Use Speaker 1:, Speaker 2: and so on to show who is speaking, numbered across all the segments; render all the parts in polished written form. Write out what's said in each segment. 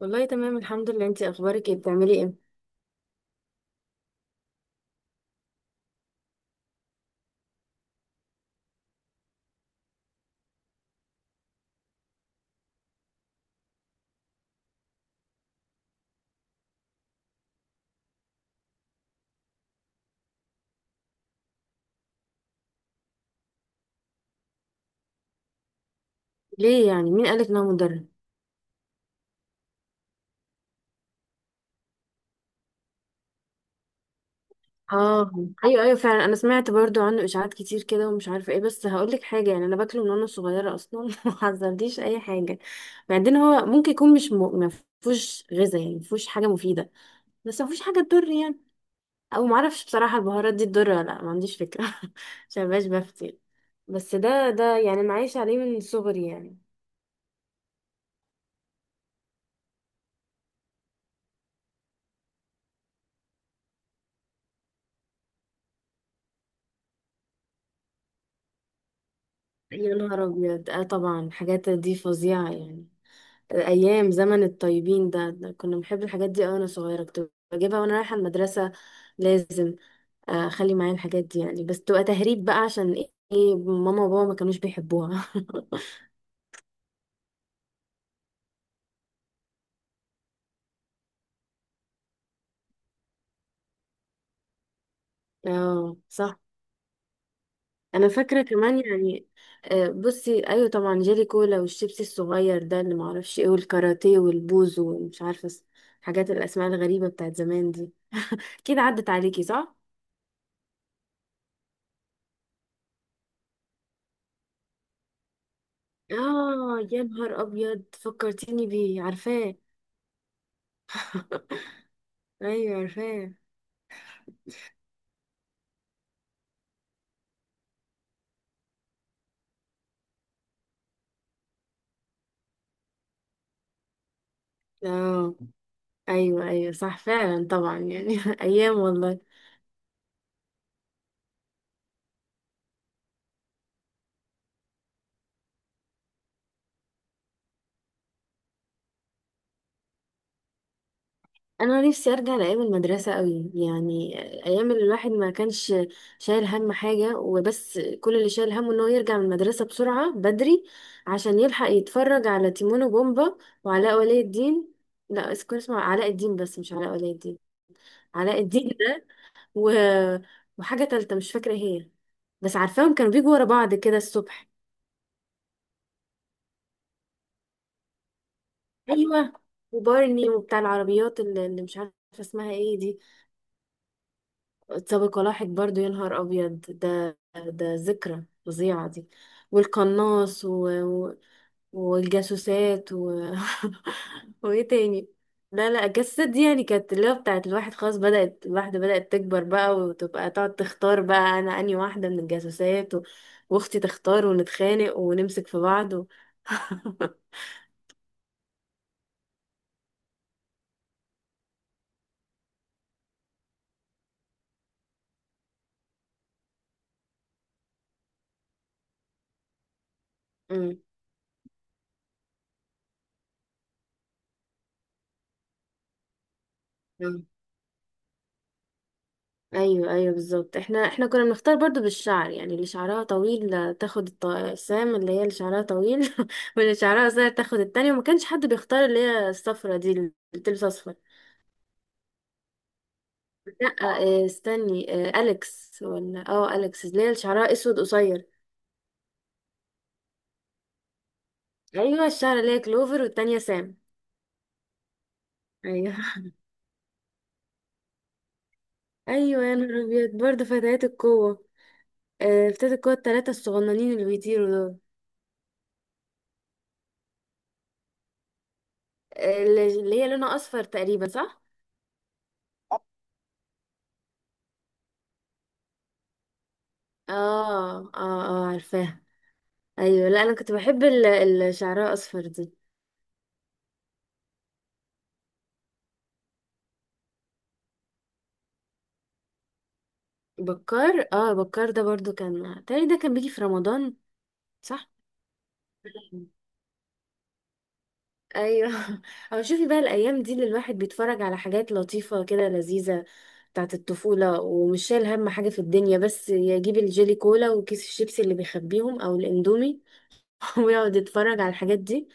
Speaker 1: والله تمام، الحمد لله. انتي اخبارك ايه؟ بتعملي ايه؟ ليه يعني؟ مين قالك ان هو مدرب؟ اه، ايوه، ايوه، فعلا. انا سمعت برضو عنه اشاعات كتير كده ومش عارفه ايه، بس هقولك حاجه يعني: انا باكله من وانا صغيره اصلا ما حذرتيش اي حاجه. بعدين هو ممكن يكون مش ما فيهوش غذاء، يعني ما فيهوش حاجه مفيده، بس ما فيهوش حاجه تضر يعني. او ما اعرفش بصراحه البهارات دي تضر ولا لا، ما عنديش فكره. عشان مبقاش بفتي. بس ده يعني انا عايشه عليه من صغري يعني. يا نهار ابيض، اه طبعا الحاجات دي فظيعه يعني. ايام زمن الطيبين ده كنا بنحب الحاجات دي أوي، وانا صغيره كنت بجيبها وانا رايحه المدرسه لازم. اخلي معايا الحاجات دي يعني، بس تبقى تهريب بقى. عشان ايه؟ إيه، ماما وبابا ما كانوش بيحبوها. اه، صح. انا فاكره كمان يعني. بصي، ايوه طبعا جيلي كولا والشيبسي الصغير ده اللي معرفش ايه، والكاراتيه، والبوز، ومش عارفه الحاجات، الاسماء الغريبه بتاعت زمان دي. اكيد عدت عليكي، صح؟ اه، يا نهار ابيض فكرتيني بيه. عارفاه، ايوه عارفاه. اه، ايوه، ايوه، صح فعلا طبعا يعني ايام والله. انا نفسي ارجع لايام المدرسه قوي يعني، ايام اللي الواحد ما كانش شايل هم حاجه، وبس كل اللي شايل همه ان هو يرجع من المدرسه بسرعه بدري عشان يلحق يتفرج على تيمون وبومبا وعلاء ولي الدين. لا، كان اسمه علاء الدين، بس مش علاء ولي الدين. علاء الدين ده و... وحاجه تالته مش فاكره هي، بس عارفاهم كانوا بيجوا ورا بعض كده الصبح. ايوه، وبارني، وبتاع العربيات اللي مش عارفه اسمها ايه دي. سابق ولاحق برضو، يا نهار ابيض ده ذكرى فظيعه دي. والقناص والجاسوسات وايه تاني؟ لا لا، الجاسوسات دي يعني كانت اللي هو بتاعت الواحد. خلاص، بدأت الواحدة بدأت تكبر بقى وتبقى تقعد تختار بقى أنا أنهي واحدة من الجاسوسات وأختي تختار ونتخانق ونمسك في بعض مم. ايوه، ايوه، بالظبط. احنا كنا بنختار برضو بالشعر يعني، اللي شعرها طويل تاخد الطقسام اللي هي اللي شعرها طويل واللي شعرها قصير تاخد التانية، وما كانش حد بيختار اللي هي الصفرة دي، اللي بتلبس اصفر. لا. استني. اليكس، ولا اليكس اللي هي اللي شعرها اسود قصير. ايوه، الشعر اللي هي كلوفر والتانية سام. ايوه ايوه، يا نهار ابيض برضه فتيات القوة. فتيات القوة التلاتة الصغننين اللي بيطيروا دول. اللي هي لونها اصفر تقريبا، صح؟ اه، اه، اه، عارفاها. ايوه. لا، انا كنت بحب اللي شعرها اصفر دي. بكار، اه بكار ده برضو كان تاني، ده كان بيجي في رمضان، صح؟ ايوه. او شوفي بقى الايام دي اللي الواحد بيتفرج على حاجات لطيفه كده لذيذه بتاعت الطفوله، ومش شايل هم حاجه في الدنيا، بس يجيب الجيلي كولا وكيس الشيبسي اللي بيخبيهم او الاندومي ويقعد يتفرج على الحاجات دي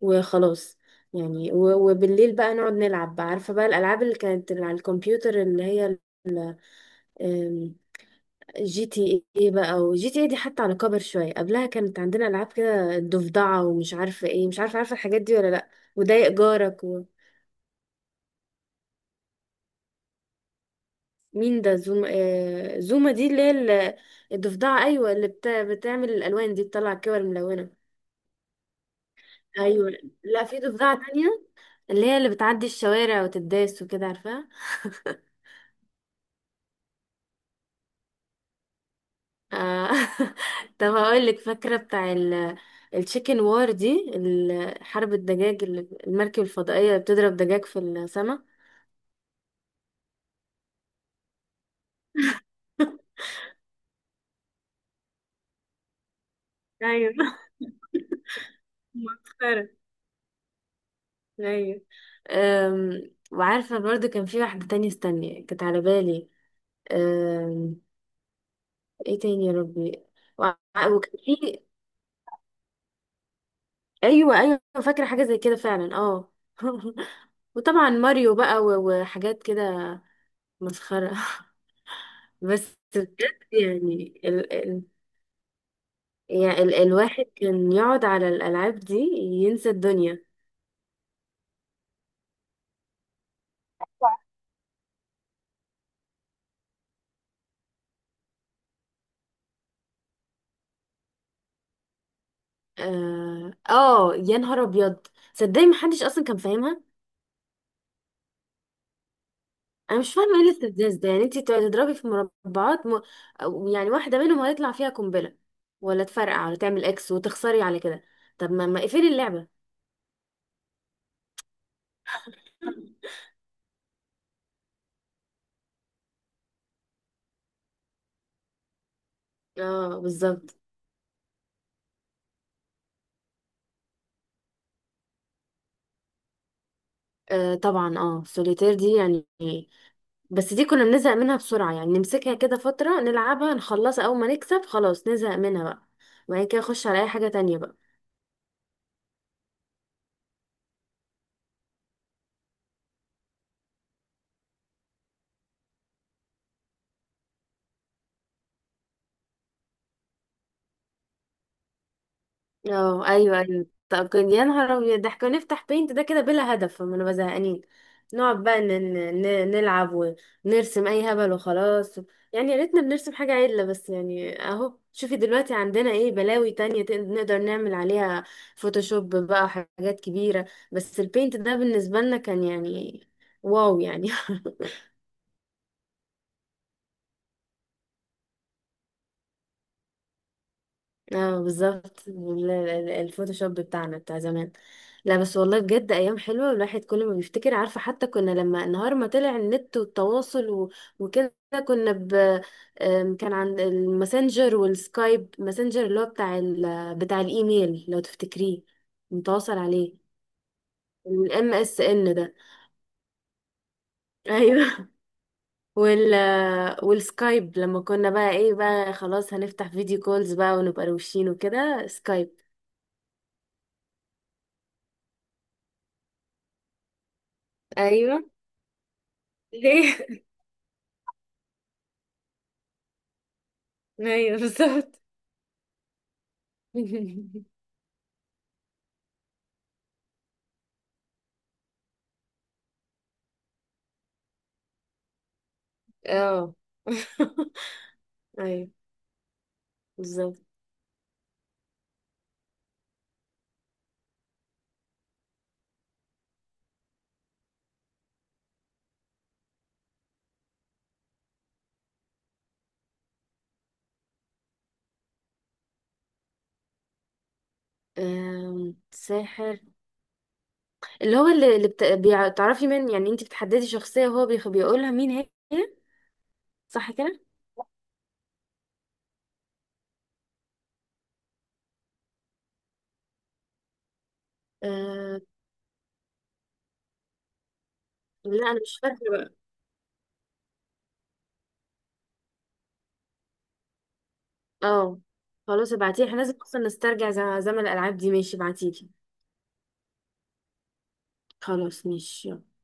Speaker 1: وخلاص. يعني وبالليل بقى نقعد نلعب بقى. عارفه بقى الالعاب اللي كانت على الكمبيوتر، اللي هي GTA بقى؟ وجي تي ايه دي حتى على كبر شوية، قبلها كانت عندنا ألعاب كده، الضفدعة ومش عارفة ايه، مش عارفة، عارفة الحاجات دي ولا لأ؟ وضايق جارك. ومين ده زوما؟ زوما دي اللي هي الضفدعة، أيوة، اللي بتعمل الألوان دي، بتطلع الكور ملونة. أيوة. لأ، في ضفدعة تانية، اللي هي اللي بتعدي الشوارع وتداس وكده، عارفاها؟ آه. طب هقولك فاكرة بتاع التشيكن وار دي، حرب الدجاج المركب الفضائية اللي بتضرب دجاج في السماء. مسخرة. ايوه. وعارفة برضو كان في واحدة تانية، استني، كانت على بالي. أم، ايه تاني يا ربي؟ وع- وكان في ايوه، ايوه، فاكرة حاجة زي كده فعلا، اه وطبعا ماريو بقى وحاجات كده. مسخرة. بس بجد يعني ال ال يعني الواحد كان يقعد على الألعاب دي ينسى الدنيا. يا نهار ابيض، صدقني محدش اصلا كان فاهمها. انا مش فاهمه ايه الاستفزاز ده، يعني انت تضربي في مربعات أو يعني واحده منهم هيطلع فيها قنبله ولا تفرقع ولا تعمل اكس وتخسري على كده. طب ما اقفلي اللعبه. اه، بالظبط. طبعا، سوليتير دي يعني، بس دي كنا بنزهق منها بسرعه يعني، نمسكها كده فتره نلعبها نخلصها، اول ما نكسب خلاص نزهق منها بقى، وبعد كده نخش على اي حاجه تانية بقى. اه، ايوه، ايوه. طب كان، يا نهار ابيض، ده احنا كنا نفتح بينت ده كده بلا هدف، ما نبقى زهقانين نقعد بقى نلعب ونرسم اي هبل وخلاص، يعني يا ريتنا بنرسم حاجه عدله بس يعني. اهو شوفي دلوقتي عندنا ايه بلاوي تانية نقدر نعمل عليها فوتوشوب بقى، حاجات كبيره. بس البينت ده بالنسبه لنا كان يعني، واو يعني اه، بالظبط، الفوتوشوب بتاعنا بتاع زمان. لا بس والله بجد ايام حلوه، الواحد كل ما بيفتكر. عارفه حتى كنا لما نهار ما طلع النت والتواصل وكده كنا ب آم، كان عند الماسنجر والسكايب ماسنجر اللي هو بتاع بتاع الايميل لو تفتكريه، متواصل عليه. MSN ده. ايوه. وال والسكايب، لما كنا بقى ايه بقى، خلاص هنفتح فيديو كولز بقى ونبقى روشين وكده، سكايب. ايوه ليه؟ ايوه بالظبط. اه. ايوه بالظبط. ساحر اللي هو اللي بتعرفي من يعني انت بتحددي شخصية وهو بيقولها مين هي، صح كده؟ أه... لا انا مش فاكرة بقى. اه، خلاص ابعتيلي، احنا لازم اصلا نسترجع زمن الالعاب دي. ماشي، ابعتيلي. خلاص، ماشي، يلا.